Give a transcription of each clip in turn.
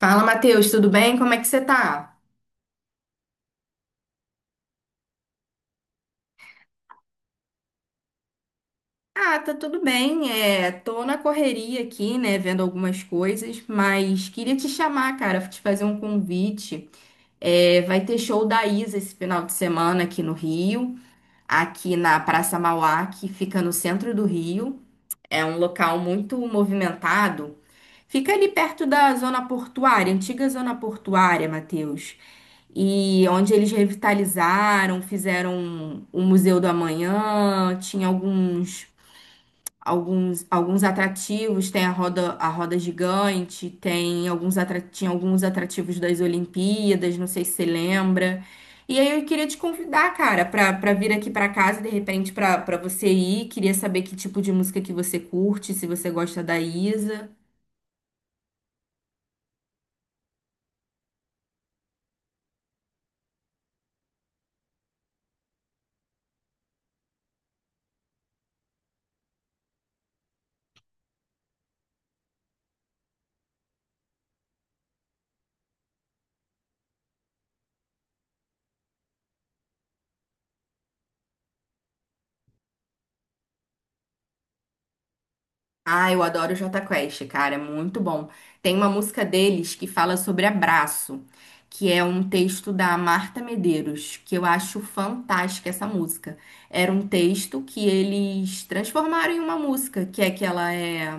Fala, Matheus, tudo bem? Como é que você tá? Ah, tá tudo bem. É, tô na correria aqui, né, vendo algumas coisas, mas queria te chamar, cara, te fazer um convite. É, vai ter show da Isa esse final de semana aqui no Rio, aqui na Praça Mauá, que fica no centro do Rio. É um local muito movimentado. Fica ali perto da zona portuária, antiga zona portuária, Matheus, e onde eles revitalizaram, fizeram o Museu do Amanhã, tinha alguns atrativos, tem a roda gigante, tem tinha alguns atrativos das Olimpíadas, não sei se você lembra. E aí eu queria te convidar, cara, pra para vir aqui pra casa, de repente pra para você ir, queria saber que tipo de música que você curte, se você gosta da Isa. Ah, eu adoro o Jota Quest, cara, é muito bom. Tem uma música deles que fala sobre abraço, que é um texto da Marta Medeiros, que eu acho fantástica essa música. Era um texto que eles transformaram em uma música, que é que ela é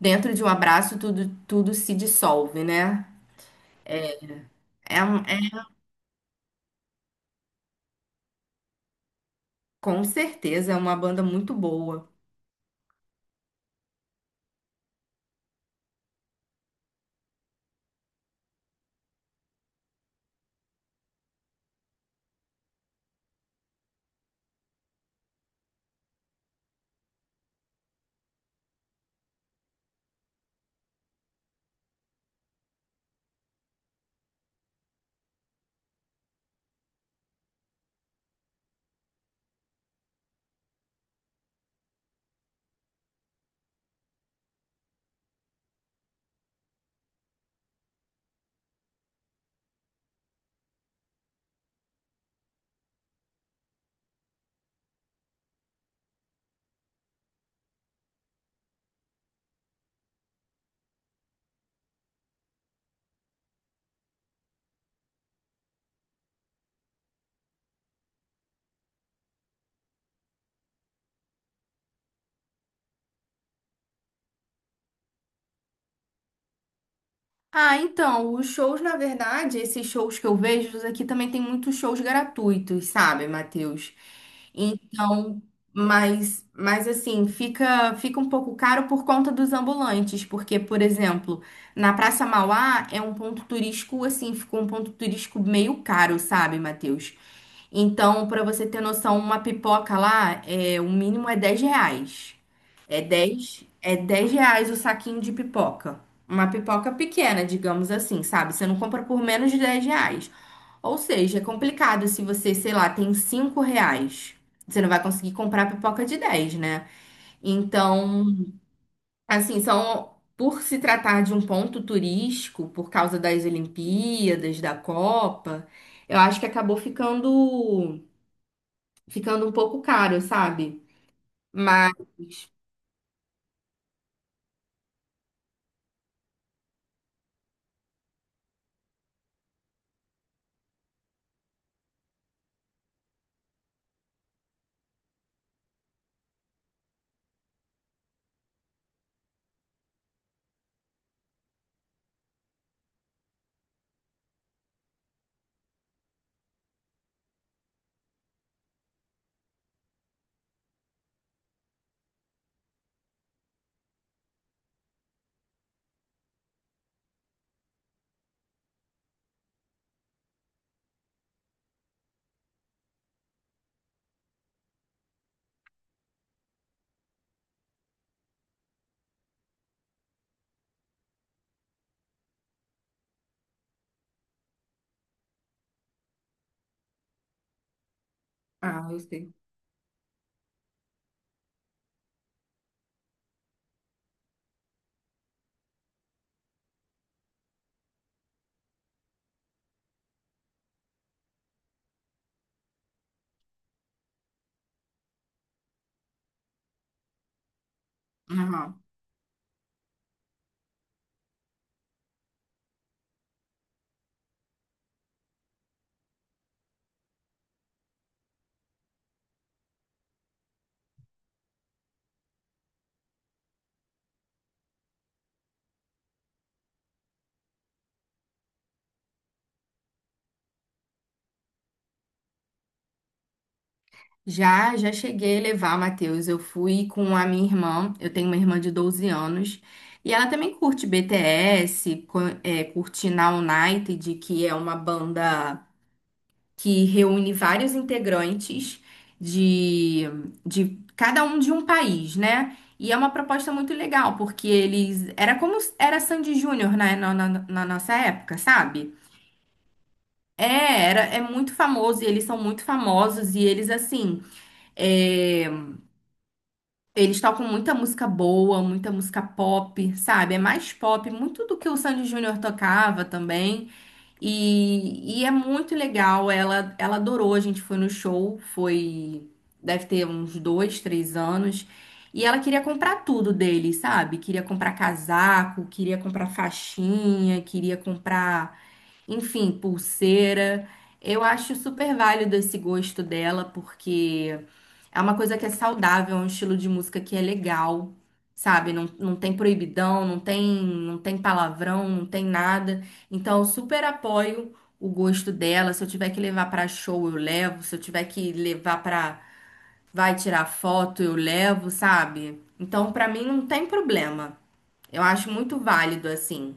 dentro de um abraço tudo, tudo se dissolve, né? É, com certeza é uma banda muito boa. Ah, então, os shows, na verdade, esses shows que eu vejo aqui também tem muitos shows gratuitos, sabe, Matheus? Então, mas assim, fica um pouco caro por conta dos ambulantes, porque, por exemplo, na Praça Mauá é um ponto turístico, assim, ficou um ponto turístico meio caro, sabe, Matheus? Então, para você ter noção, uma pipoca lá, é, o mínimo é 10 reais. É dez reais o saquinho de pipoca. Uma pipoca pequena, digamos assim, sabe? Você não compra por menos de 10 reais. Ou seja, é complicado se você, sei lá, tem 5 reais. Você não vai conseguir comprar pipoca de dez, né? Então, assim, são. Por se tratar de um ponto turístico, por causa das Olimpíadas, da Copa, eu acho que acabou ficando um pouco caro, sabe? Mas. Ah, eu sei. É normal. Já, já cheguei a levar, Matheus. Eu fui com a minha irmã. Eu tenho uma irmã de 12 anos. E ela também curte BTS, curte Na United, que é uma banda que reúne vários integrantes de, de cada um de um país, né? E é uma proposta muito legal, porque eles. Era como. Era Sandy Júnior na nossa época, sabe? É, era, é muito famoso e eles são muito famosos e eles assim, é, eles tocam muita música boa, muita música pop, sabe? É mais pop, muito do que o Sandy Júnior tocava também. E é muito legal, ela adorou, a gente foi no show, foi, deve ter uns dois, três anos. E ela queria comprar tudo dele, sabe? Queria comprar casaco, queria comprar faixinha, queria comprar, enfim, pulseira. Eu acho super válido esse gosto dela, porque é uma coisa que é saudável, é um estilo de música que é legal, sabe? Não, não tem proibidão, não tem palavrão, não tem nada. Então, eu super apoio o gosto dela. Se eu tiver que levar pra show, eu levo. Se eu tiver que levar pra vai tirar foto, eu levo, sabe? Então, pra mim, não tem problema. Eu acho muito válido, assim.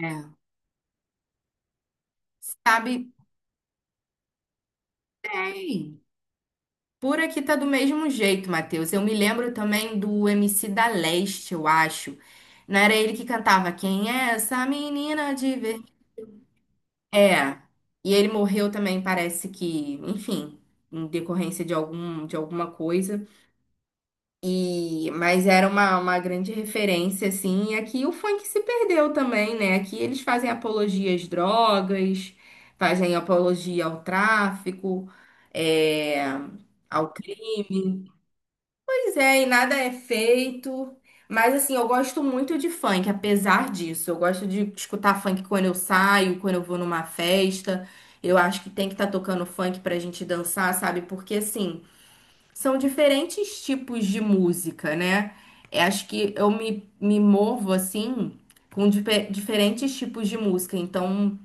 É. Sabe? Ei. Por aqui tá do mesmo jeito, Matheus. Eu me lembro também do MC da Leste, eu acho. Não era ele que cantava Quem é essa menina de ver? É. E ele morreu também, parece que, enfim, em decorrência de algum, de alguma coisa. E mas era uma grande referência assim. E aqui o funk se perdeu também, né? Aqui eles fazem apologia às drogas, fazem apologia ao tráfico, é, ao crime. Pois é, e nada é feito. Mas assim, eu gosto muito de funk, apesar disso. Eu gosto de escutar funk quando eu saio, quando eu vou numa festa. Eu acho que tem que estar tocando funk pra gente dançar, sabe? Porque assim, são diferentes tipos de música, né? Eu acho que eu me movo assim com diferentes tipos de música. Então,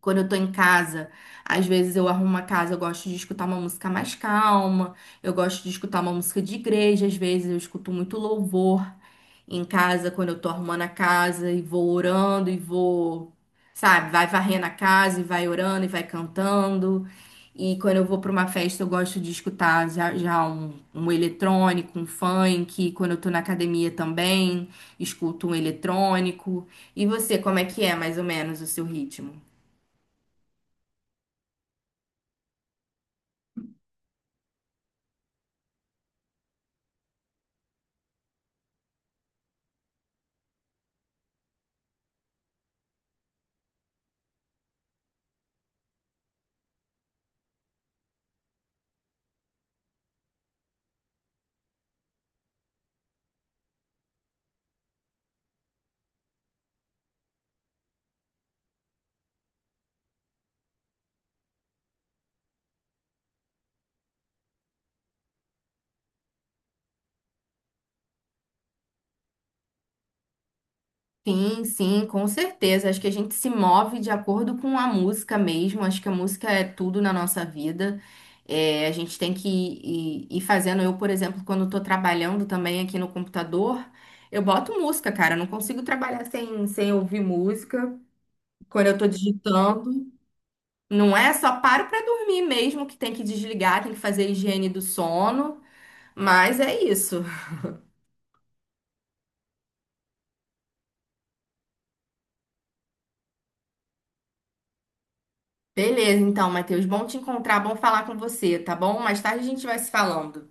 quando eu tô em casa, às vezes eu arrumo uma casa, eu gosto de escutar uma música mais calma, eu gosto de escutar uma música de igreja, às vezes eu escuto muito louvor em casa, quando eu tô arrumando a casa e vou orando e vou, sabe, vai varrendo a casa e vai orando e vai cantando. E quando eu vou pra uma festa, eu gosto de escutar já um, um eletrônico, um funk. Quando eu tô na academia também, escuto um eletrônico. E você, como é que é mais ou menos o seu ritmo? Sim, sim, com certeza. Acho que a gente se move de acordo com a música mesmo. Acho que a música é tudo na nossa vida. É, a gente tem que ir fazendo. Eu, por exemplo, quando estou trabalhando também aqui no computador, eu boto música, cara. Eu não consigo trabalhar sem ouvir música. Quando eu estou digitando, não é só paro para dormir mesmo, que tem que desligar, tem que fazer a higiene do sono. Mas é isso. Beleza, então, Matheus. Bom te encontrar, bom falar com você, tá bom? Mais tarde a gente vai se falando.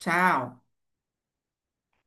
Tchau.